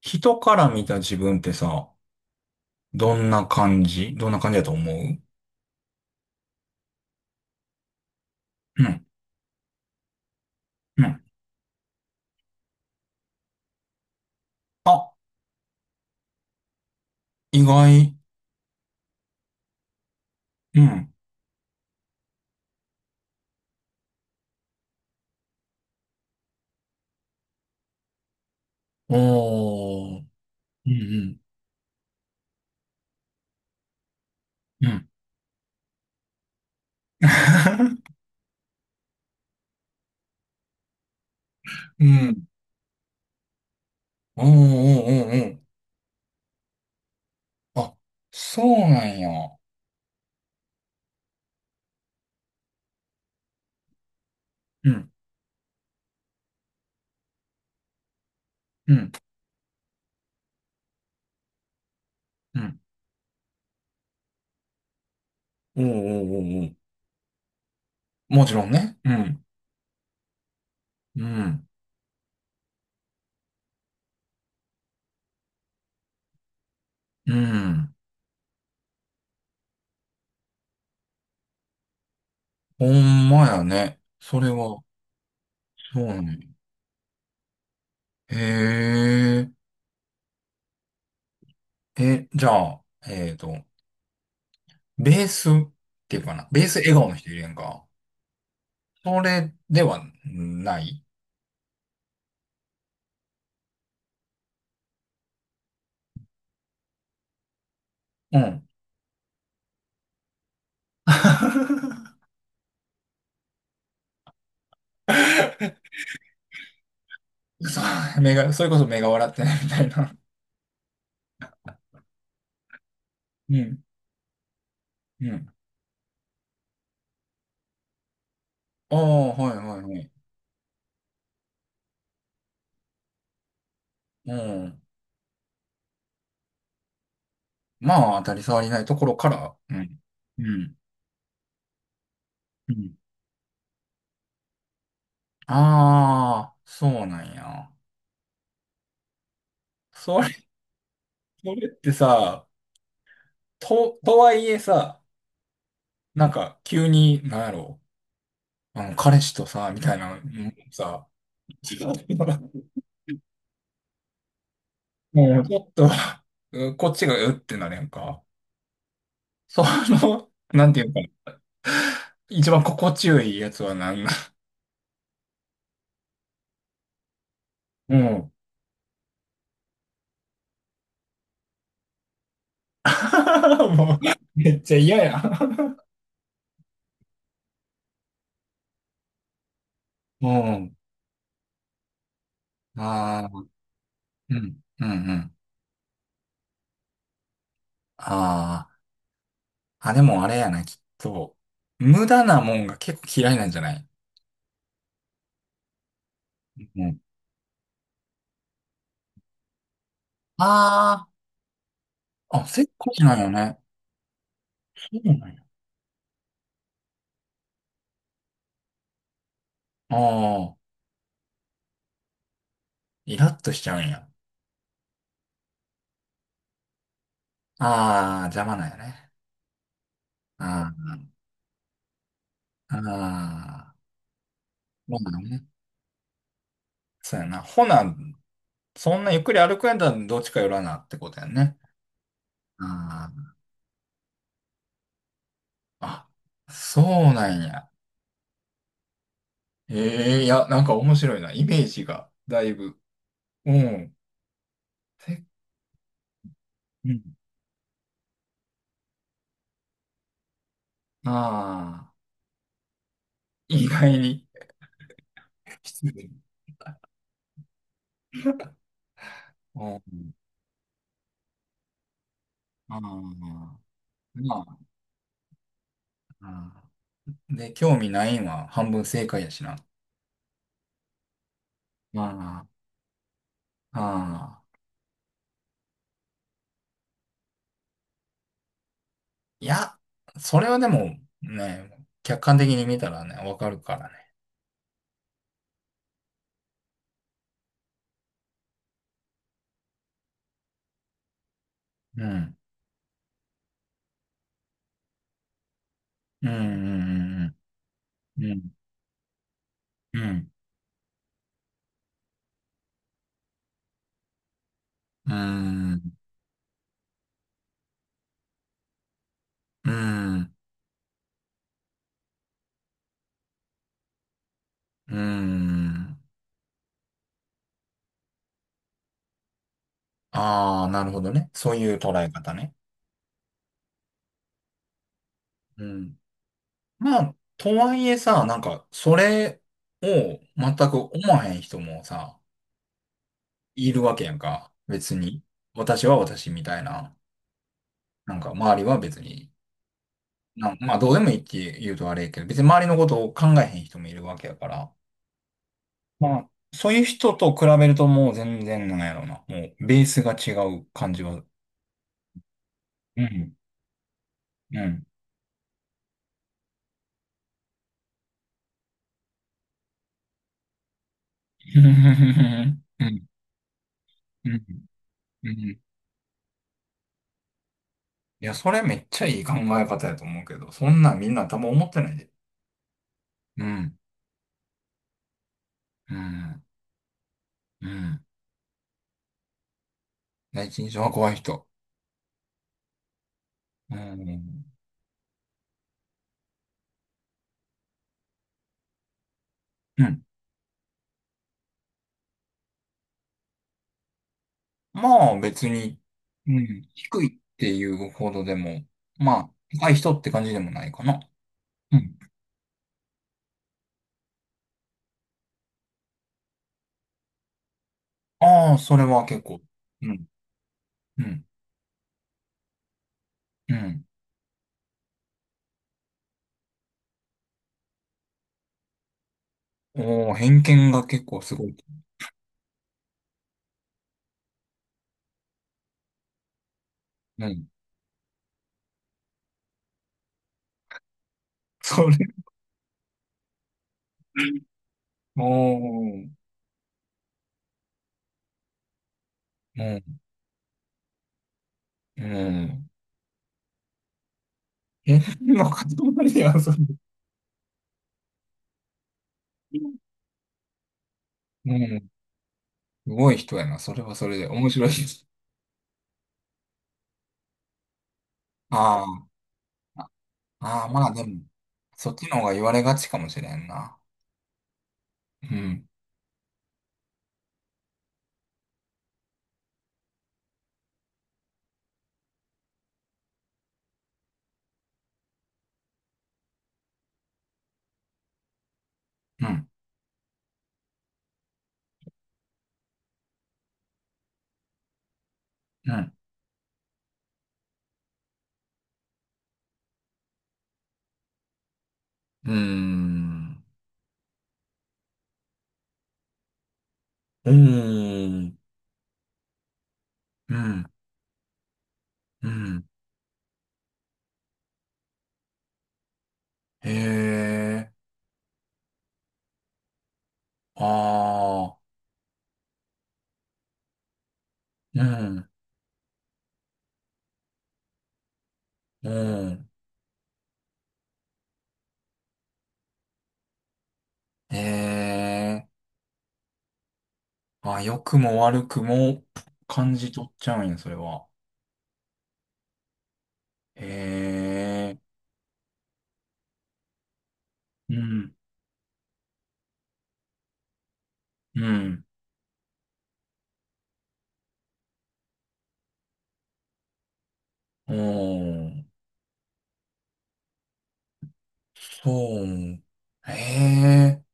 人から見た自分ってさ、どんな感じだと思う？うん、うん。あ、意外。うん。おー。うん、うん、うん。うん。おー、おー、おー、おー。あ、そうなんや。うん、うん、うん。おー、おー、おー、おー。もちろんね。うん、うん、うん。ほんまやね。それは、そうね。へえ。え、じゃあ、ベースっていうかな。ベース笑顔の人いるやんか。それではない。うん。そう、目が、それこそ目が笑ってないみたいな。うん。うん。ああ、はいはいはい。うん。まあ、当たり障りないところから。うん。うん。うん。ああ、そうなんや。それ、それってさ、とはいえさ、なんか、急に、なんやろう、あの、彼氏とさ、みたいな、うんさ、もうちょっと、うこっちがうってなれんか。その、なんていうか、一番心地よいやつは何なの？うん。もう、めっちゃ嫌や。うん。ああ、うん、うん、うん。ああ、あ、でもあれやな、きっと。無駄なもんが結構嫌いなんじゃない？うん。ああ、あ、せっかちなんよね。そうなんや。ああ、イラッとしちゃうんや。ああ、邪魔なんやね。ああ、ああ、そうなのね。そうやな。ほな、そんなゆっくり歩くんやったらどっちか寄らなってことやね。あーあ、そうなんや。ええいや、なんか面白いな。イメージが、だいぶ。うん。せうん。ああ、意外に。失礼。うん。ああ、まあ、あーで、興味ないんは半分正解やしな。ああ、ああ。いや、それはでもね、客観的に見たらね、わかるからね。うん。うん、うん、うん、うん。うん、うん、うーん、うーん、うーん。ああ、なるほどね。そういう捉え方ね。うん。まあ、とはいえさ、なんか、それを全く思わへん人もさ、いるわけやんか。別に。私は私みたいな。なんか、周りは別に。なんまあ、どうでもいいって言うとあれやけど、別に周りのことを考えへん人もいるわけやから。まあ、そういう人と比べるともう全然なんやろうな。もう、ベースが違う感じは。うん。うん。うん、うん、うん。うん、いや、それめっちゃいい考え方やと思うけど、そんなんみんな多分思ってないで。うん、うん、うん。第一印象は怖い人。うん、うん。まあ別に、うん、低いっていうほどでも、まあ、高い人って感じでもないかな。うん。ああ、それは結構。うん、うん、うん。おお、偏見が結構すごい。うん。それ。おお、うん、うん。え、の塊では、それ。うん。すごい人やな。それはそれで面白いです。あーあ、あー、まあでも、そっちの方が言われがちかもしれんな。うん、うん、うん、うーん、うーん、うん、うん、へえ、ああ、うん、うん、へえ、あ、良くも悪くも感じ取っちゃうんや、それは。へえ、うん、うん、おー。そう。ええ、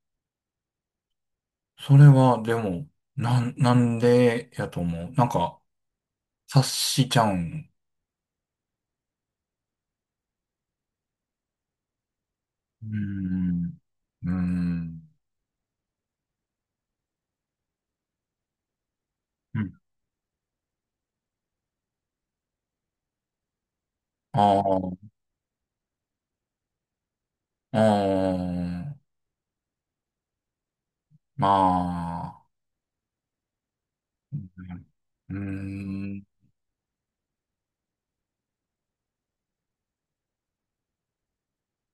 それは、でも、なんでやと思う。なんか、察しちゃうん。うーん。うーん。うん。ああー、ああ、まあ、うーん。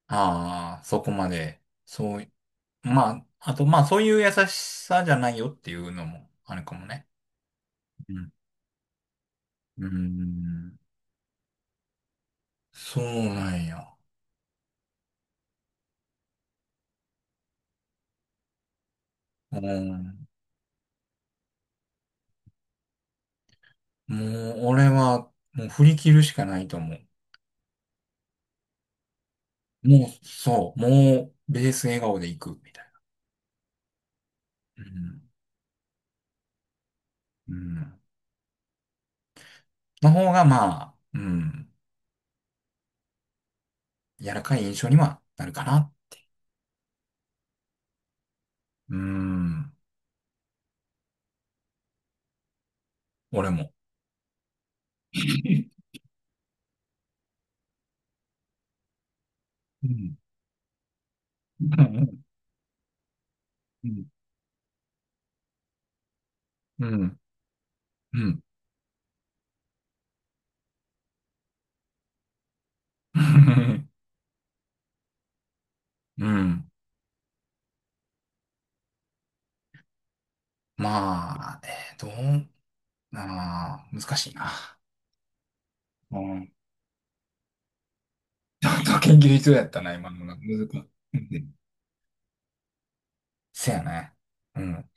ああ、そこまで。そうい、まあ、あと、まあ、そういう優しさじゃないよっていうのもあるかもね。うん。うーん。そうなんや。うん。もう、俺は、もう振り切るしかないと思う。もう、そう、もう、ベース笑顔でいく、みたいな。うん。うん。の方が、まあ、うん、柔らかい印象にはなるかな。うん。俺も。うん。うん。うん。うん。うん。うん、まあ、どう、あー、難しいな。うん。ちょっと研究必要やったな、今のが。難しい。うん、せやね。うん。